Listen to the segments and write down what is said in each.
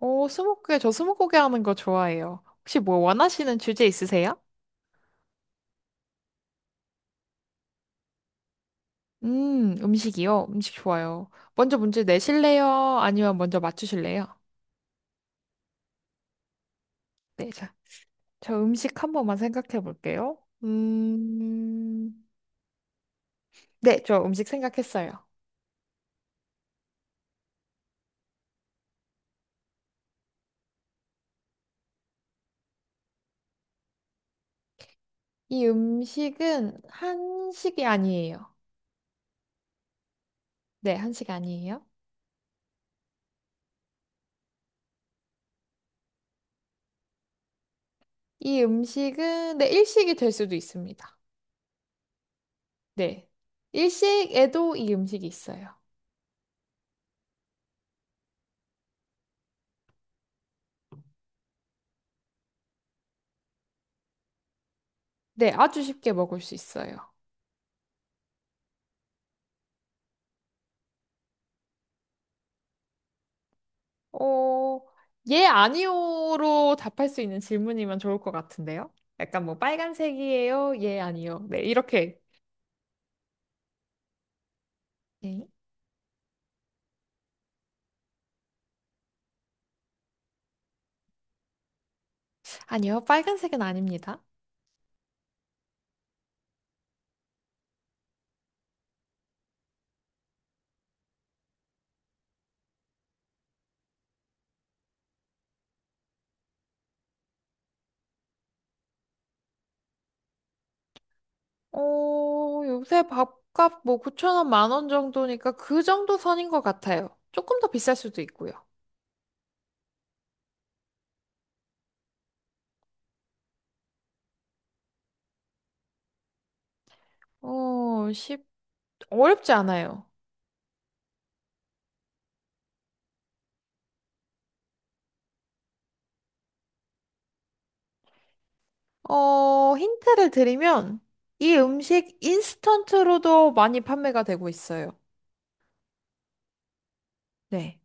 오, 스무고개, 저 스무고개 하는 거 좋아해요. 혹시 뭐 원하시는 주제 있으세요? 음식이요? 음식 좋아요. 먼저 문제 내실래요? 아니면 먼저 맞추실래요? 네, 자, 저 음식 한 번만 생각해 볼게요. 음, 네, 저 음식 생각했어요. 이 음식은 한식이 아니에요. 네, 한식 아니에요. 이 음식은, 네, 일식이 될 수도 있습니다. 네. 일식에도 이 음식이 있어요. 네, 아주 쉽게 먹을 수 있어요. 어, 예, 아니요로 답할 수 있는 질문이면 좋을 것 같은데요? 약간 뭐 빨간색이에요? 예, 아니요. 네, 이렇게. 네. 아니요, 빨간색은 아닙니다. 어, 요새 밥값 뭐 9,000원, 10,000원 정도니까 그 정도 선인 것 같아요. 조금 더 비쌀 수도 있고요. 어, 쉽, 어렵지 않아요. 어, 힌트를 드리면 이 음식 인스턴트로도 많이 판매가 되고 있어요. 네.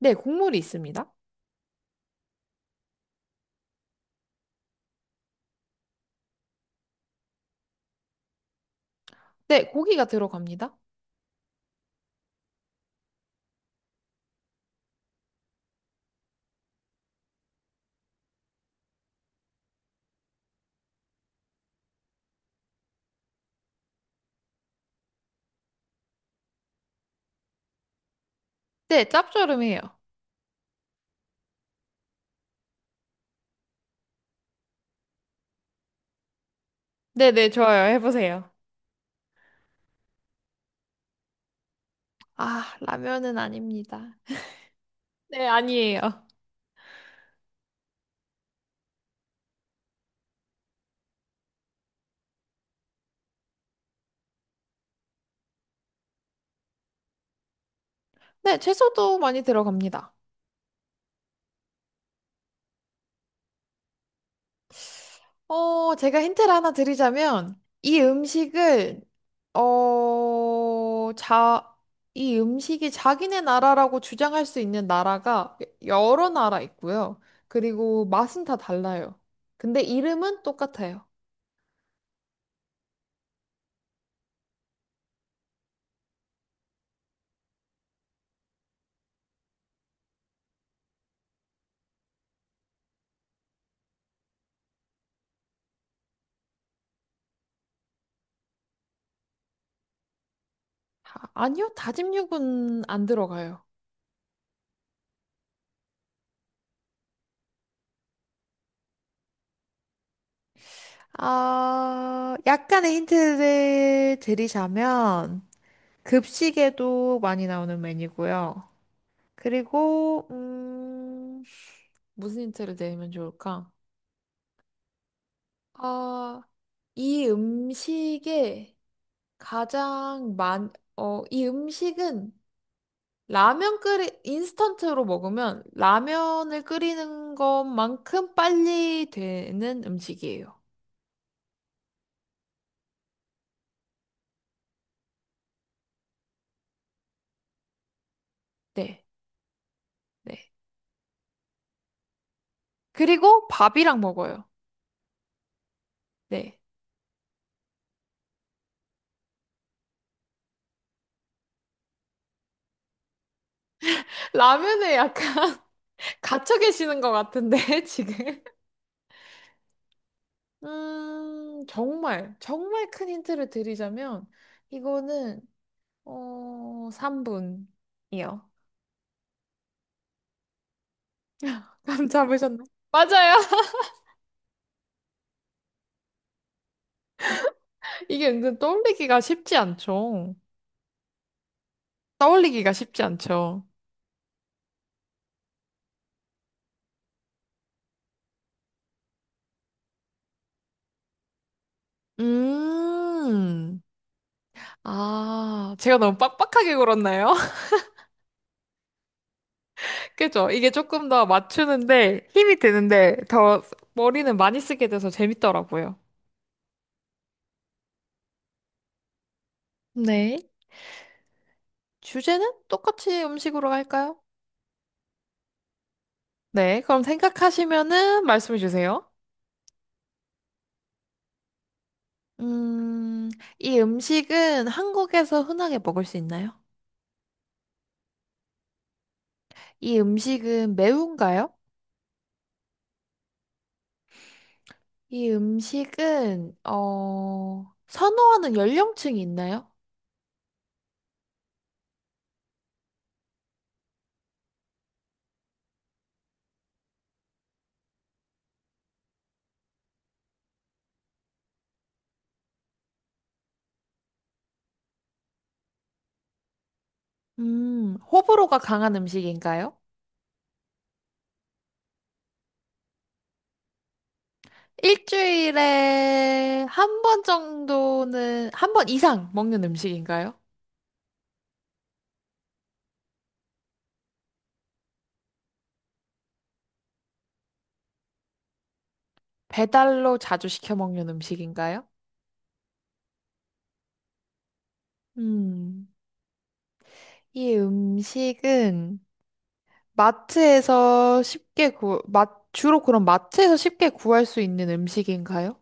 네, 국물이 있습니다. 네, 고기가 들어갑니다. 네, 짭조름해요. 네네, 좋아요. 해보세요. 아, 라면은 아닙니다. 네, 아니에요. 네, 채소도 많이 들어갑니다. 어, 제가 힌트를 하나 드리자면, 이 음식을, 어, 자, 이 음식이 자기네 나라라고 주장할 수 있는 나라가 여러 나라 있고요. 그리고 맛은 다 달라요. 근데 이름은 똑같아요. 아, 아니요, 다짐육은 안 들어가요. 아, 약간의 힌트를 드리자면, 급식에도 많이 나오는 메뉴고요. 그리고, 무슨 힌트를 내면 좋을까? 아, 이 음식에 가장 많, 어, 이 음식은 인스턴트로 먹으면 라면을 끓이는 것만큼 빨리 되는 음식이에요. 네, 네. 그리고 밥이랑 먹어요. 네. 라면에 약간 갇혀 계시는 것 같은데, 지금. 정말 큰 힌트를 드리자면, 이거는, 어, 3분이요. 감 잡으셨나? 맞아요. 이게 은근 떠올리기가 쉽지 않죠. 떠올리기가 쉽지 않죠. 음, 아, 제가 너무 빡빡하게 굴었나요? 그죠? 이게 조금 더 맞추는데 힘이 드는데 더 머리는 많이 쓰게 돼서 재밌더라고요. 네. 주제는 똑같이 음식으로 할까요? 네, 그럼 생각하시면은 말씀해 주세요. 음, 이 음식은 한국에서 흔하게 먹을 수 있나요? 이 음식은 매운가요? 이 음식은, 어, 선호하는 연령층이 있나요? 호불호가 강한 음식인가요? 일주일에 한 번 정도는, 한 번 이상 먹는 음식인가요? 배달로 자주 시켜 먹는 음식인가요? 음. 이 음식은 마트에서 쉽게 구, 마, 주로 그럼 마트에서 쉽게 구할 수 있는 음식인가요?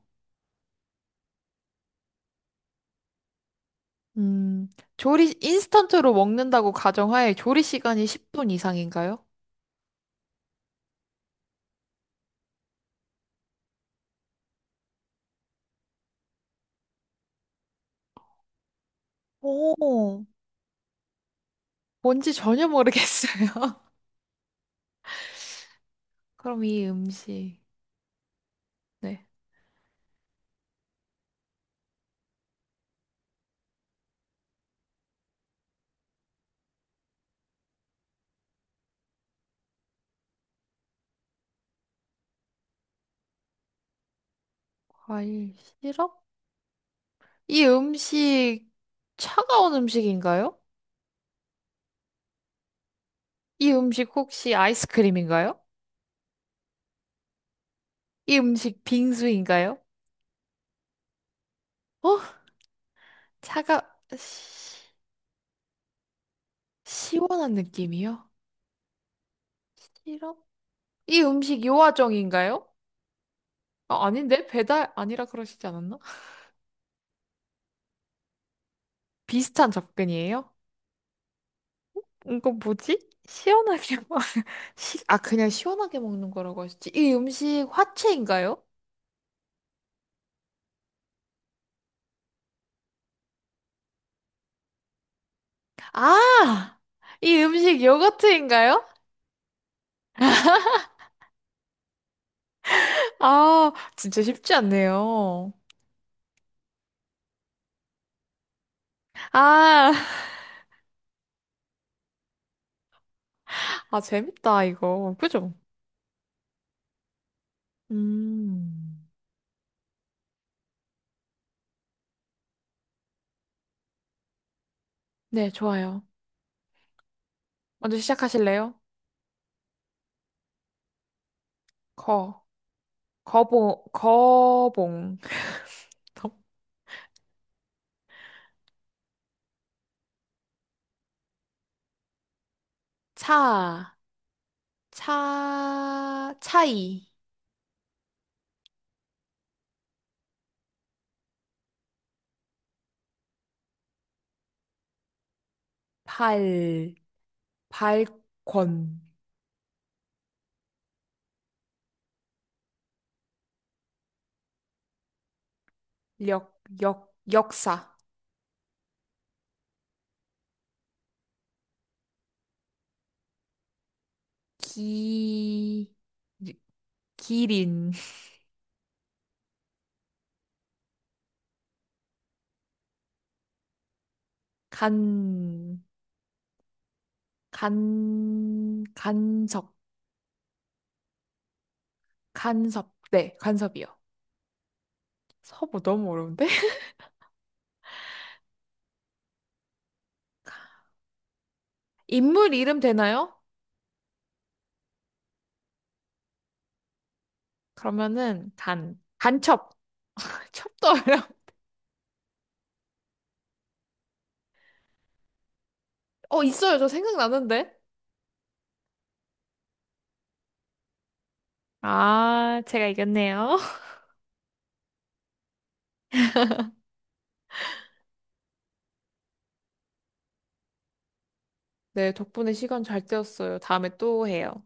음, 인스턴트로 먹는다고 가정하에 조리 시간이 10분 이상인가요? 오, 뭔지 전혀 모르겠어요. 그럼 이 음식, 네, 과일 시럽? 이 음식 차가운 음식인가요? 이 음식 혹시 아이스크림인가요? 이 음식 빙수인가요? 어? 차가, 시원한 느낌이요? 시럽? 이 음식 요아정인가요? 아, 아닌데? 배달 아니라 그러시지 않았나? 비슷한 접근이에요? 이건 뭐지? 시원하게 먹... 시... 아, 그냥 시원하게 먹는 거라고 하셨지. 이 음식 화채인가요? 아! 이 음식 요거트인가요? 아, 진짜 쉽지 않네요. 아, 아, 재밌다, 이거. 그죠? 음. 네, 좋아요. 먼저 시작하실래요? 거. 거봉. 더- 차, 차이. 발, 발권. 역사. 기, 기린. 간, 간섭. 간섭. 네, 간섭이요. 서부 너무 어려운데? 인물 이름 되나요? 간첩. 첩도 어려워. 어, 있어요. 저 생각나는데. 아, 제가 이겼네요. 네, 덕분에 시간 잘 때웠어요. 다음에 또 해요.